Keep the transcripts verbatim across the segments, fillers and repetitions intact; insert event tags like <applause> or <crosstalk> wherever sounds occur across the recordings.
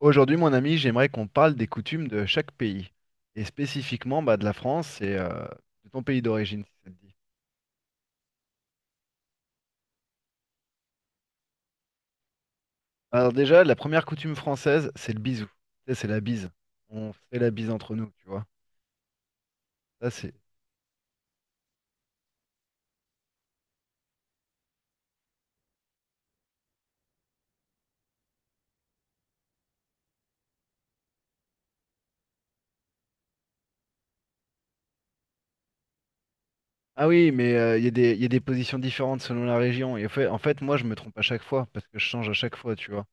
Aujourd'hui, mon ami, j'aimerais qu'on parle des coutumes de chaque pays, et spécifiquement bah, de la France et euh, de ton pays d'origine, si ça te dit. Alors déjà, la première coutume française, c'est le bisou. Tu sais, c'est la bise. On fait la bise entre nous, tu vois. Ça, c'est... Ah oui, mais euh, il y a des, il y a des positions différentes selon la région. Et en fait, en fait, moi, je me trompe à chaque fois, parce que je change à chaque fois, tu vois.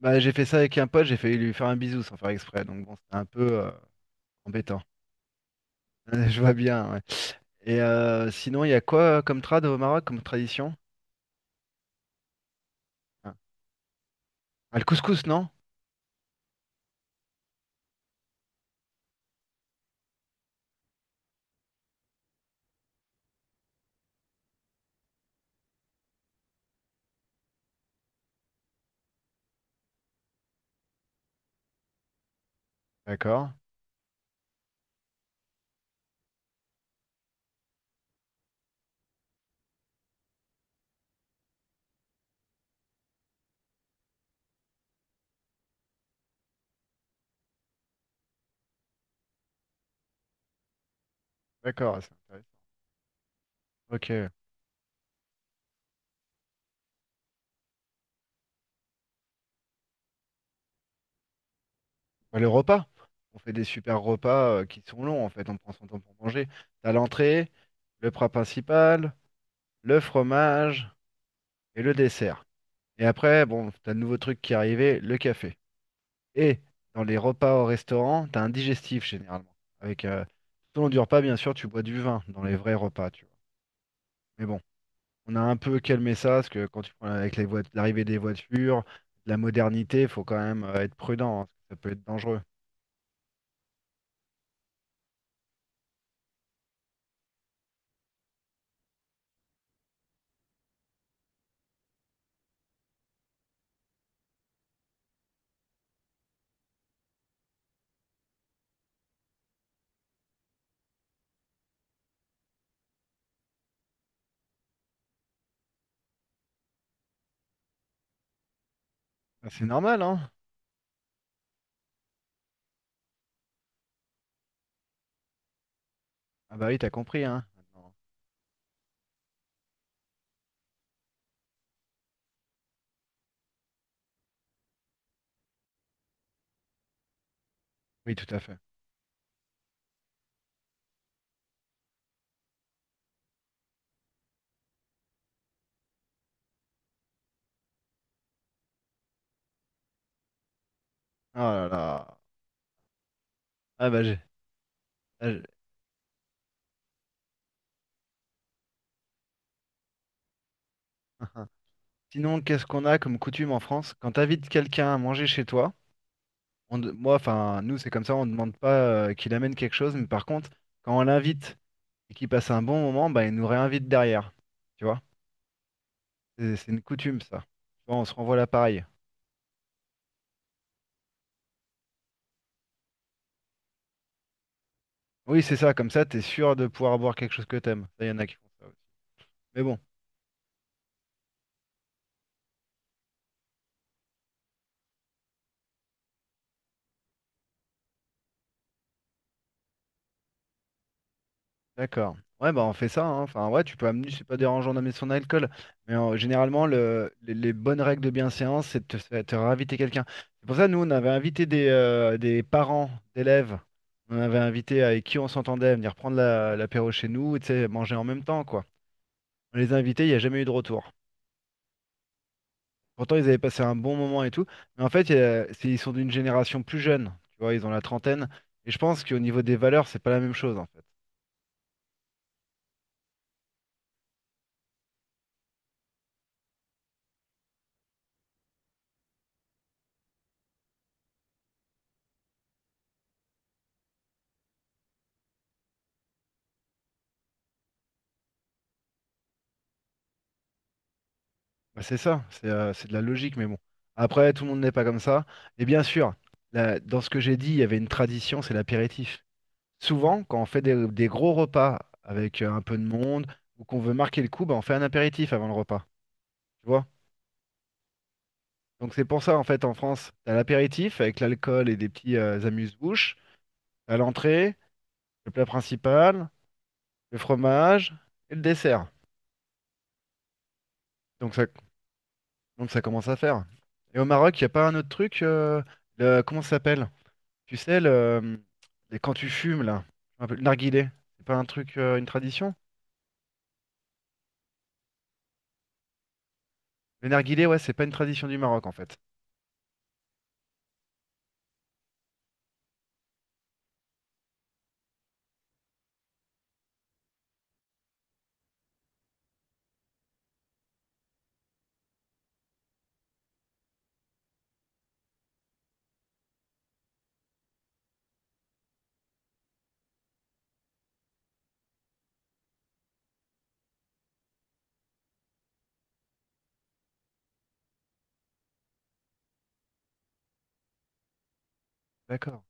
Bah, j'ai fait ça avec un pote, j'ai failli lui faire un bisou sans faire exprès, donc bon, c'était un peu euh, embêtant. <laughs> Je vois bien, ouais. Et euh, sinon, il y a quoi euh, comme trad au Maroc, comme tradition? Enfin, ah, le couscous, non? D'accord, d'accord, ah, c'est intéressant. Ok. Bah, le repas. On fait des super repas euh, qui sont longs, en fait. On prend son temps pour manger. T'as l'entrée, le plat principal, le fromage et le dessert. Et après, bon, t'as le nouveau truc qui est arrivé, le café. Et dans les repas au restaurant, t'as un digestif généralement. Avec, euh, tout au long du repas, bien sûr, tu bois du vin dans les vrais repas, tu vois. Mais bon, on a un peu calmé ça, parce que quand tu prends avec les voit- l'arrivée des voitures, de la modernité, il faut quand même euh, être prudent, hein, parce que ça peut être dangereux. Ah, c'est normal, hein? Ah bah oui, t'as compris, hein? Maintenant. Oui, tout à fait. Oh là là. Ah bah j'ai. ah, j'ai- <laughs> Sinon, qu'est-ce qu'on a comme coutume en France? Quand t'invites quelqu'un à manger chez toi, on de- moi, enfin, nous, c'est comme ça, on ne demande pas euh, qu'il amène quelque chose, mais par contre, quand on l'invite et qu'il passe un bon moment, bah, il nous réinvite derrière. Tu vois? C'est c'est une coutume, ça. Tu vois, on se renvoie l'appareil. Oui, c'est ça, comme ça, t'es sûr de pouvoir boire quelque chose que t'aimes. Ça, y en a qui font ça aussi. Mais bon, d'accord. Ouais, bah on fait ça, hein. Enfin, ouais, tu peux amener, c'est pas dérangeant d'amener son alcool. Mais euh, généralement, le, les, les bonnes règles de bienséance, c'est de te, c'est de te réinviter quelqu'un. C'est pour ça, nous, on avait invité des, euh, des parents d'élèves. On avait invité avec qui on s'entendait à venir prendre la- l'apéro chez nous et tu sais, manger en même temps, quoi. On les a invités, il n'y a jamais eu de retour. Pourtant, ils avaient passé un bon moment et tout. Mais en fait, euh, c'est- ils sont d'une génération plus jeune. Tu vois, ils ont la trentaine. Et je pense qu'au niveau des valeurs, c'est pas la même chose, en fait. Bah, c'est ça, c'est euh, c'est de la logique, mais bon. Après, tout le monde n'est pas comme ça. Et bien sûr, la- dans ce que j'ai dit, il y avait une tradition, c'est l'apéritif. Souvent, quand on fait des, des gros repas avec euh, un peu de monde ou qu'on veut marquer le coup, bah, on fait un apéritif avant le repas. Tu vois? Donc c'est pour ça, en fait, en France, t'as l'apéritif avec l'alcool et des petits euh, amuse-bouches. T'as l'entrée, le plat principal. Le fromage et le dessert. Donc ça, donc ça commence à faire. Et au Maroc, il n'y a pas un autre truc euh, le- comment ça s'appelle? Tu sais, le, les- quand tu fumes, là, un peu, le narguilé, c'est pas un truc, euh, une tradition? Le narguilé, ouais, c'est pas une tradition du Maroc, en fait. D'accord.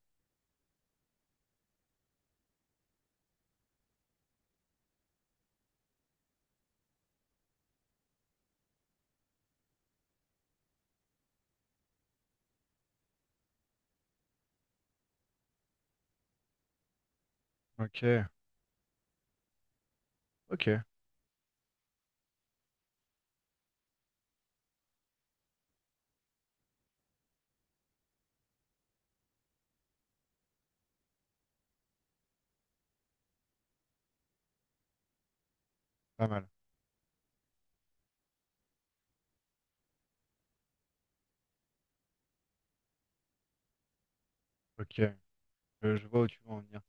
Ok, ok, pas mal. Ok, je, je vois où tu veux en venir.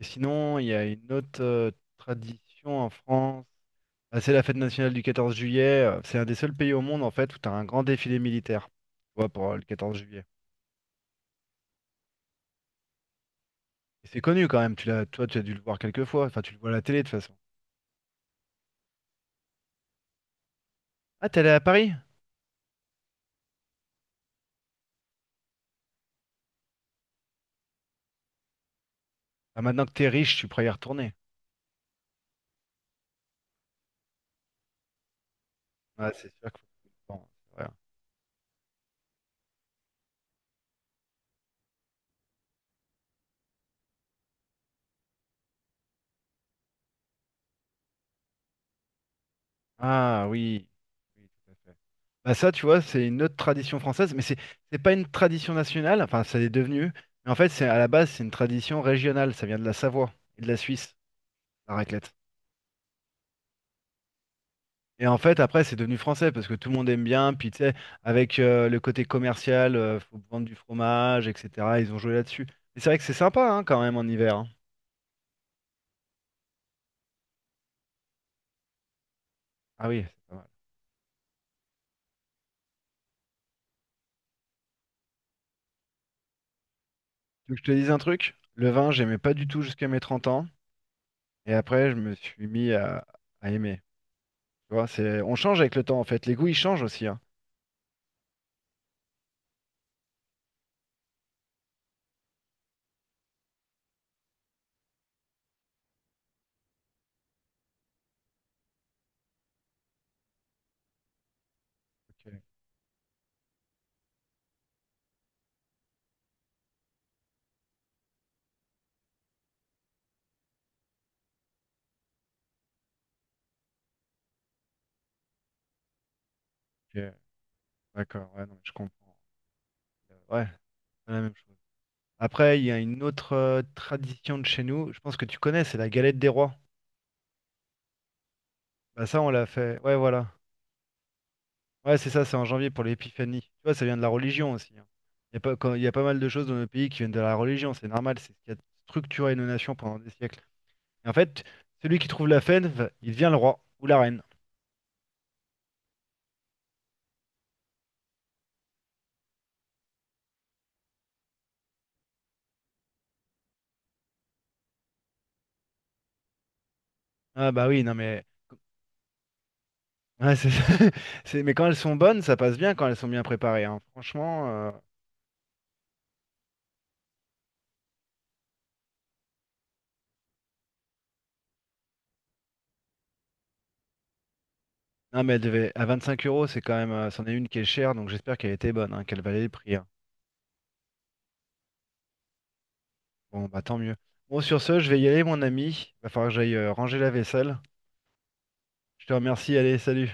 Et sinon, il y a une autre euh, tradition en France. Bah, c'est la fête nationale du quatorze juillet. euh, C'est un des seuls pays au monde, en fait, où tu as un grand défilé militaire. Tu vois, pour euh, le quatorze juillet. Et c'est connu quand même, tu l'as, toi tu as dû le voir quelques fois, enfin tu le vois à la télé de toute façon. Ah, t'es allé à Paris? Ah, maintenant que t'es riche, tu pourras y retourner. Ah, c'est sûr qu'il faut... bon, c'est vrai, hein. Ah oui, oui, tout à fait. Bah ça, tu vois, c'est une autre tradition française, mais c'est c'est pas une tradition nationale, enfin ça l'est devenu, mais en fait c'est à la base c'est une tradition régionale, ça vient de la Savoie et de la Suisse, la raclette. Et en fait, après, c'est devenu français parce que tout le monde aime bien. Puis, tu sais, avec euh, le côté commercial, euh, faut vendre du fromage, et cetera. Ils ont joué là-dessus. Et c'est vrai que c'est sympa hein, quand même en hiver, hein. Ah oui, c'est pas mal. Tu veux que je te dise un truc? Le vin, j'aimais pas du tout jusqu'à mes trente ans. Et après, je me suis mis à, à aimer. Tu vois, c'est... On change avec le temps, en fait. Les goûts, ils changent aussi, hein. Ok, ok, d'accord, ouais, non, mais je comprends. Euh, Ouais, c'est pas la même chose. Après, il y a une autre euh, tradition de chez nous. Je pense que tu connais, c'est la galette des rois. Bah ça, on l'a fait. Ouais, voilà. Ouais, c'est ça, c'est en janvier pour l'épiphanie. Tu vois, ça vient de la religion aussi, hein. Il y a pas, quand- il y a pas mal de choses dans nos pays qui viennent de la religion, c'est normal, c'est ce qui a structuré nos nations pendant des siècles. Et en fait, celui qui trouve la fève, il devient le roi ou la reine. Ah bah oui, non mais... ouais, c'est- <laughs> c'est- mais quand elles sont bonnes, ça passe bien quand elles sont bien préparées, hein. Franchement, euh, non mais elle devait... à vingt-cinq euros, c'est quand même... euh, c'en est une qui est chère, donc j'espère qu'elle était bonne, hein, qu'elle valait le prix, hein. Bon, bah tant mieux. Bon, sur ce, je vais y aller, mon ami. Va falloir que j'aille euh, ranger la vaisselle. Je te remercie, allez, salut.